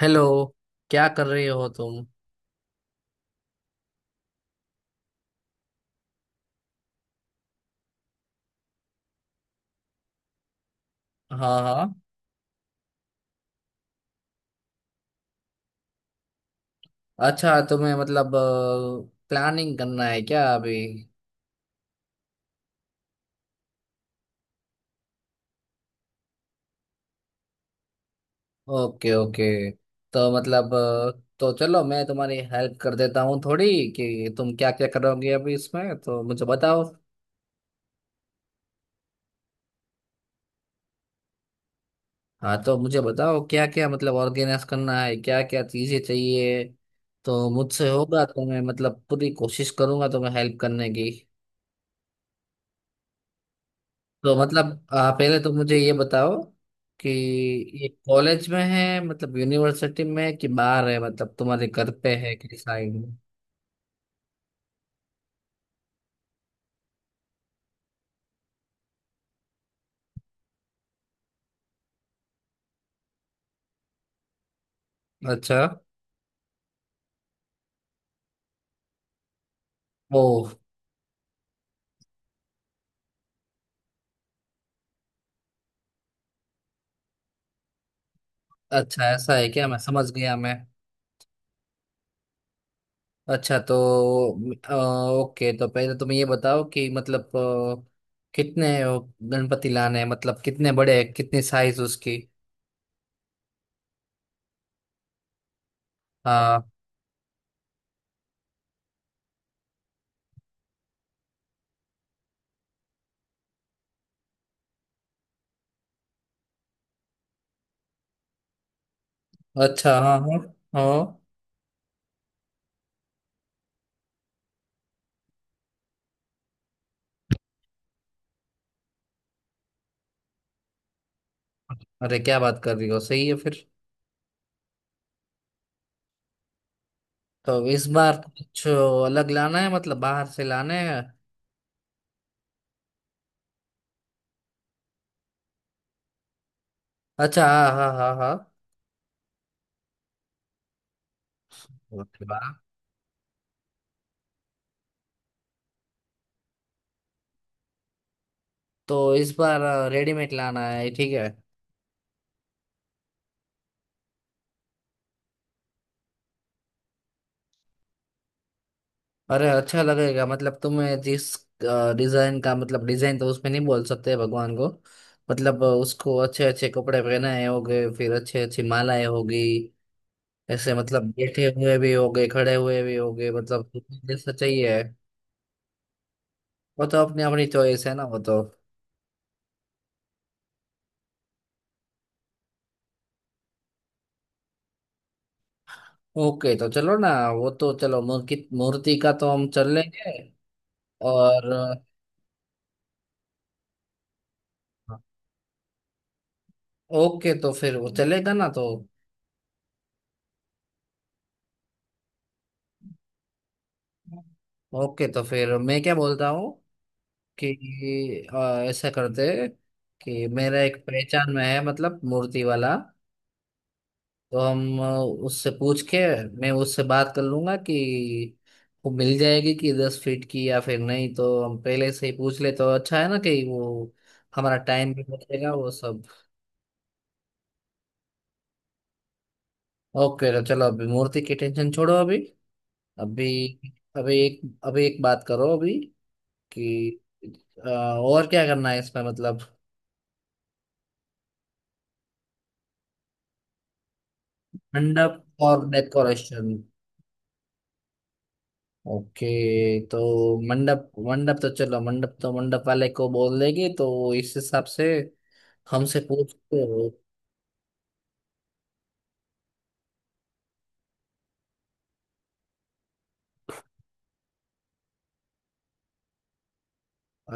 Hello. क्या कर रहे हो तुम? हाँ हाँ। अच्छा तुम्हें मतलब प्लानिंग करना है क्या अभी? Okay okay. तो तो चलो मैं तुम्हारी हेल्प कर देता हूँ थोड़ी कि तुम क्या क्या करोगे अभी इसमें, तो मुझे बताओ। हाँ तो मुझे बताओ क्या क्या मतलब ऑर्गेनाइज करना है, क्या क्या चीजें चाहिए। तो मुझसे होगा तो मैं मतलब पूरी कोशिश करूंगा तुम्हें हेल्प करने की। तो पहले तो मुझे ये बताओ कि ये कॉलेज में है मतलब यूनिवर्सिटी में है कि बाहर है, मतलब तुम्हारे घर पे है कि साइड में। अच्छा। ओह। अच्छा ऐसा है क्या? मैं समझ गया मैं। अच्छा तो अ, ओके। तो पहले तुम ये बताओ कि कितने गणपति लाने हैं, मतलब कितने बड़े हैं, कितनी साइज उसकी। हाँ। अच्छा हाँ हाँ हाँ। अरे क्या बात कर रही हो, सही है फिर। तो इस बार तो कुछ अलग लाना है, मतलब बाहर से लाना है। अच्छा हाँ हाँ हाँ हाँ। ओके, वाह। तो इस बार रेडीमेड लाना है, ठीक है। अरे अच्छा लगेगा, मतलब तुम्हें जिस डिजाइन का, मतलब डिजाइन तो उसमें नहीं बोल सकते भगवान को। उसको अच्छे अच्छे कपड़े पहनाए होंगे, फिर अच्छी अच्छी मालाएं होगी। ऐसे मतलब बैठे हुए भी होंगे, खड़े हुए भी होगे, मतलब तुम्हें जैसा चाहिए। वो तो अपनी अपनी चॉइस है ना वो तो। ओके तो चलो ना, वो तो चलो, मूर्ति मूर्ति का तो हम चल लेंगे। और ओके तो फिर वो चलेगा ना तो। ओके तो फिर मैं क्या बोलता हूँ कि ऐसा करते कि मेरा एक पहचान में है, मतलब मूर्ति वाला। तो हम उससे पूछ के, मैं उससे बात कर लूंगा कि वो मिल जाएगी कि 10 फीट की या फिर नहीं, तो हम पहले से ही पूछ ले तो अच्छा है ना, कि वो हमारा टाइम भी बचेगा वो सब। ओके तो चलो अभी मूर्ति की टेंशन छोड़ो। अभी अभी अभी एक अभी एक बात करो अभी कि और क्या करना है इसमें मतलब। मंडप और डेकोरेशन? ओके। तो मंडप मंडप तो चलो, मंडप वाले को बोल देगी तो इस हिसाब से हमसे पूछते हो।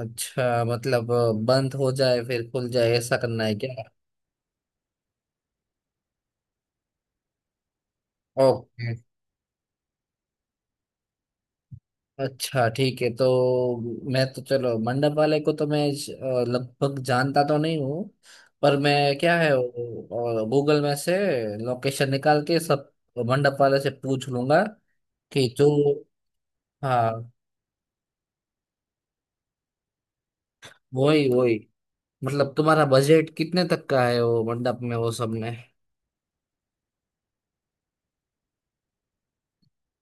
अच्छा मतलब बंद हो जाए फिर खुल जाए, ऐसा करना है क्या? ओके अच्छा ठीक है। तो मैं तो चलो मंडप वाले को तो मैं लगभग जानता तो नहीं हूँ, पर मैं क्या है, गूगल में से लोकेशन निकाल के सब मंडप वाले से पूछ लूंगा कि जो, हाँ। वही वही, मतलब तुम्हारा बजट कितने तक का है वो मंडप में, वो सब में।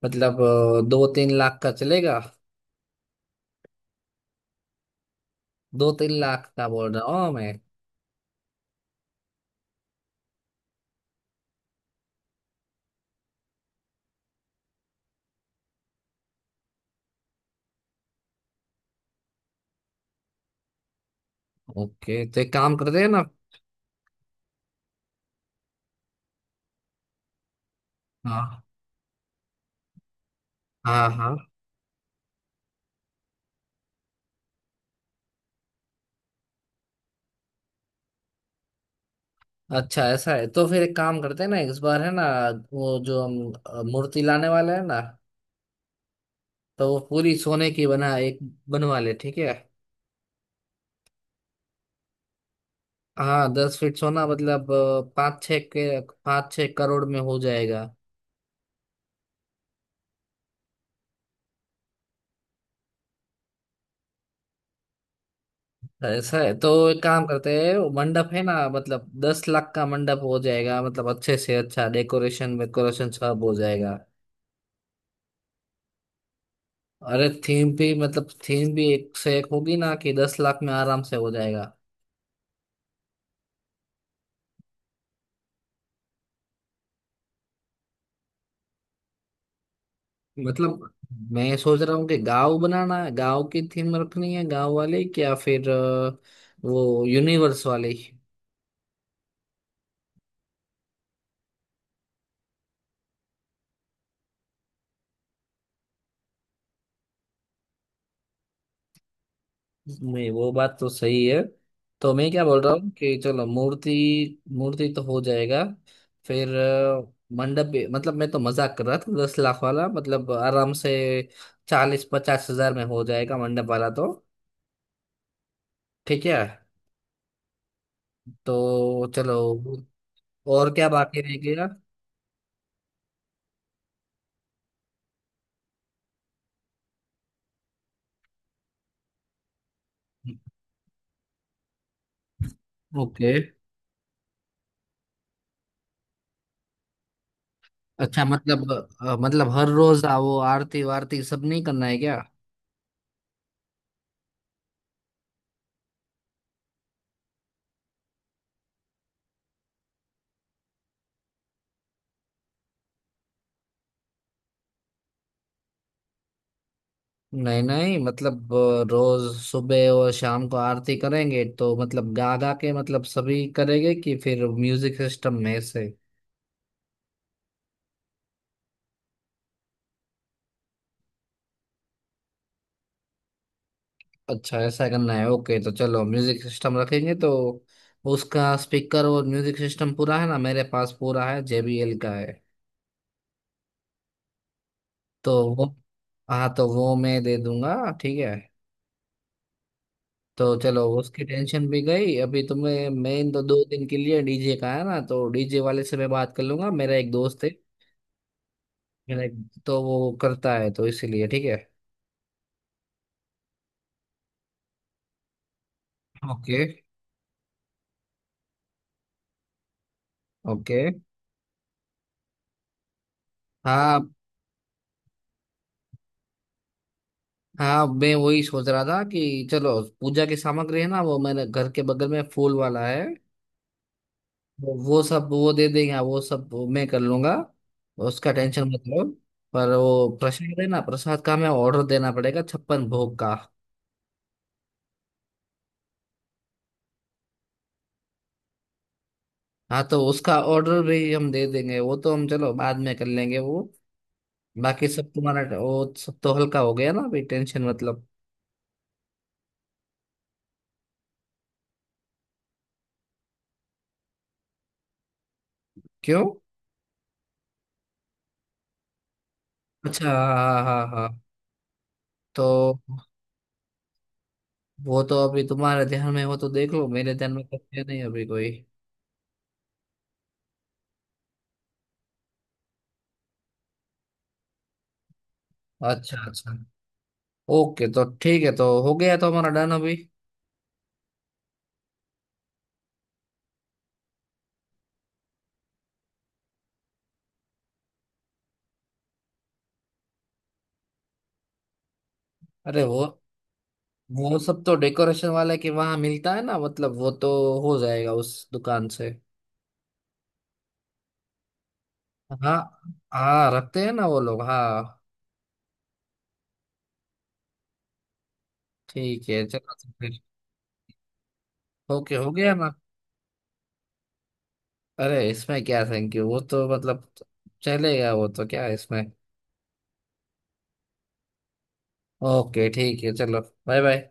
मतलब 2 3 लाख का चलेगा? 2 3 लाख का बोल रहा हूँ मैं। ओके तो एक काम करते हैं ना। हाँ हाँ हाँ। अच्छा ऐसा है तो फिर एक काम करते हैं ना, इस बार है ना वो जो हम मूर्ति लाने वाले हैं ना, तो वो पूरी सोने की बना एक बनवा ले, ठीक है? हाँ 10 फीट सोना, मतलब 5 6 के, 5 6 करोड़ में हो जाएगा। ऐसा है तो एक काम करते हैं, वो मंडप है ना, मतलब 10 लाख का मंडप हो जाएगा, मतलब अच्छे से अच्छा डेकोरेशन वेकोरेशन सब हो जाएगा। अरे थीम भी, मतलब थीम भी एक से एक होगी ना कि 10 लाख में आराम से हो जाएगा। मतलब मैं सोच रहा हूँ कि गांव बनाना है, गांव की थीम रखनी है, गांव वाले की, या फिर वो यूनिवर्स वाले की? नहीं वो बात तो सही है। तो मैं क्या बोल रहा हूँ कि चलो मूर्ति मूर्ति तो हो जाएगा। फिर मंडप भी- मतलब मैं तो मजाक कर रहा था 10 लाख वाला, मतलब आराम से 40 50 हज़ार में हो जाएगा मंडप वाला तो। ठीक है तो चलो, और क्या बाकी रह गया? ओके। अच्छा मतलब मतलब हर रोज आओ, आरती वारती सब नहीं करना है क्या? नहीं नहीं, मतलब रोज सुबह और शाम को आरती करेंगे तो मतलब गा गा के मतलब सभी करेंगे, कि फिर म्यूजिक सिस्टम में से। अच्छा ऐसा करना है, ओके तो चलो म्यूजिक सिस्टम रखेंगे तो उसका स्पीकर और म्यूजिक सिस्टम पूरा है ना मेरे पास, पूरा है, JBL का है। तो वो, हाँ तो वो मैं दे दूंगा, ठीक है। तो चलो उसकी टेंशन भी गई। अभी तुम्हें मैं इन दो दो दिन के लिए डीजे का है ना, तो डीजे वाले से मैं बात कर लूंगा, मेरा एक दोस्त है, मेरा एक तो वो करता है, तो इसीलिए ठीक है। ओके। ओके। हाँ हाँ, मैं वही सोच रहा था कि चलो पूजा की सामग्री है ना, वो मैंने घर के बगल में फूल वाला है, वो सब वो दे देंगे, हाँ, वो सब मैं कर लूंगा, उसका टेंशन मत लो। पर वो प्रसाद है ना, प्रसाद का हमें ऑर्डर देना पड़ेगा 56 भोग का। हाँ तो उसका ऑर्डर भी हम दे देंगे, वो तो हम चलो बाद में कर लेंगे वो। बाकी सब तुम्हारा वो सब तो हल्का हो गया ना अभी, टेंशन मतलब। क्यों? अच्छा हाँ हाँ हाँ हाँ, हाँ। तो वो तो अभी तुम्हारे ध्यान में हो तो देख लो, मेरे ध्यान में तो है नहीं अभी कोई। अच्छा अच्छा। ओके तो ठीक है तो हो गया, तो हमारा डन अभी। अरे वो सब तो डेकोरेशन वाले के वहां मिलता है ना, मतलब वो तो हो जाएगा उस दुकान से। हाँ। हाँ रखते हैं ना वो लोग, हाँ। ठीक है चलो तो फिर। ओके हो गया ना। अरे इसमें क्या थैंक यू, वो तो मतलब चलेगा, वो तो क्या है इसमें। ओके ठीक है चलो, बाय बाय।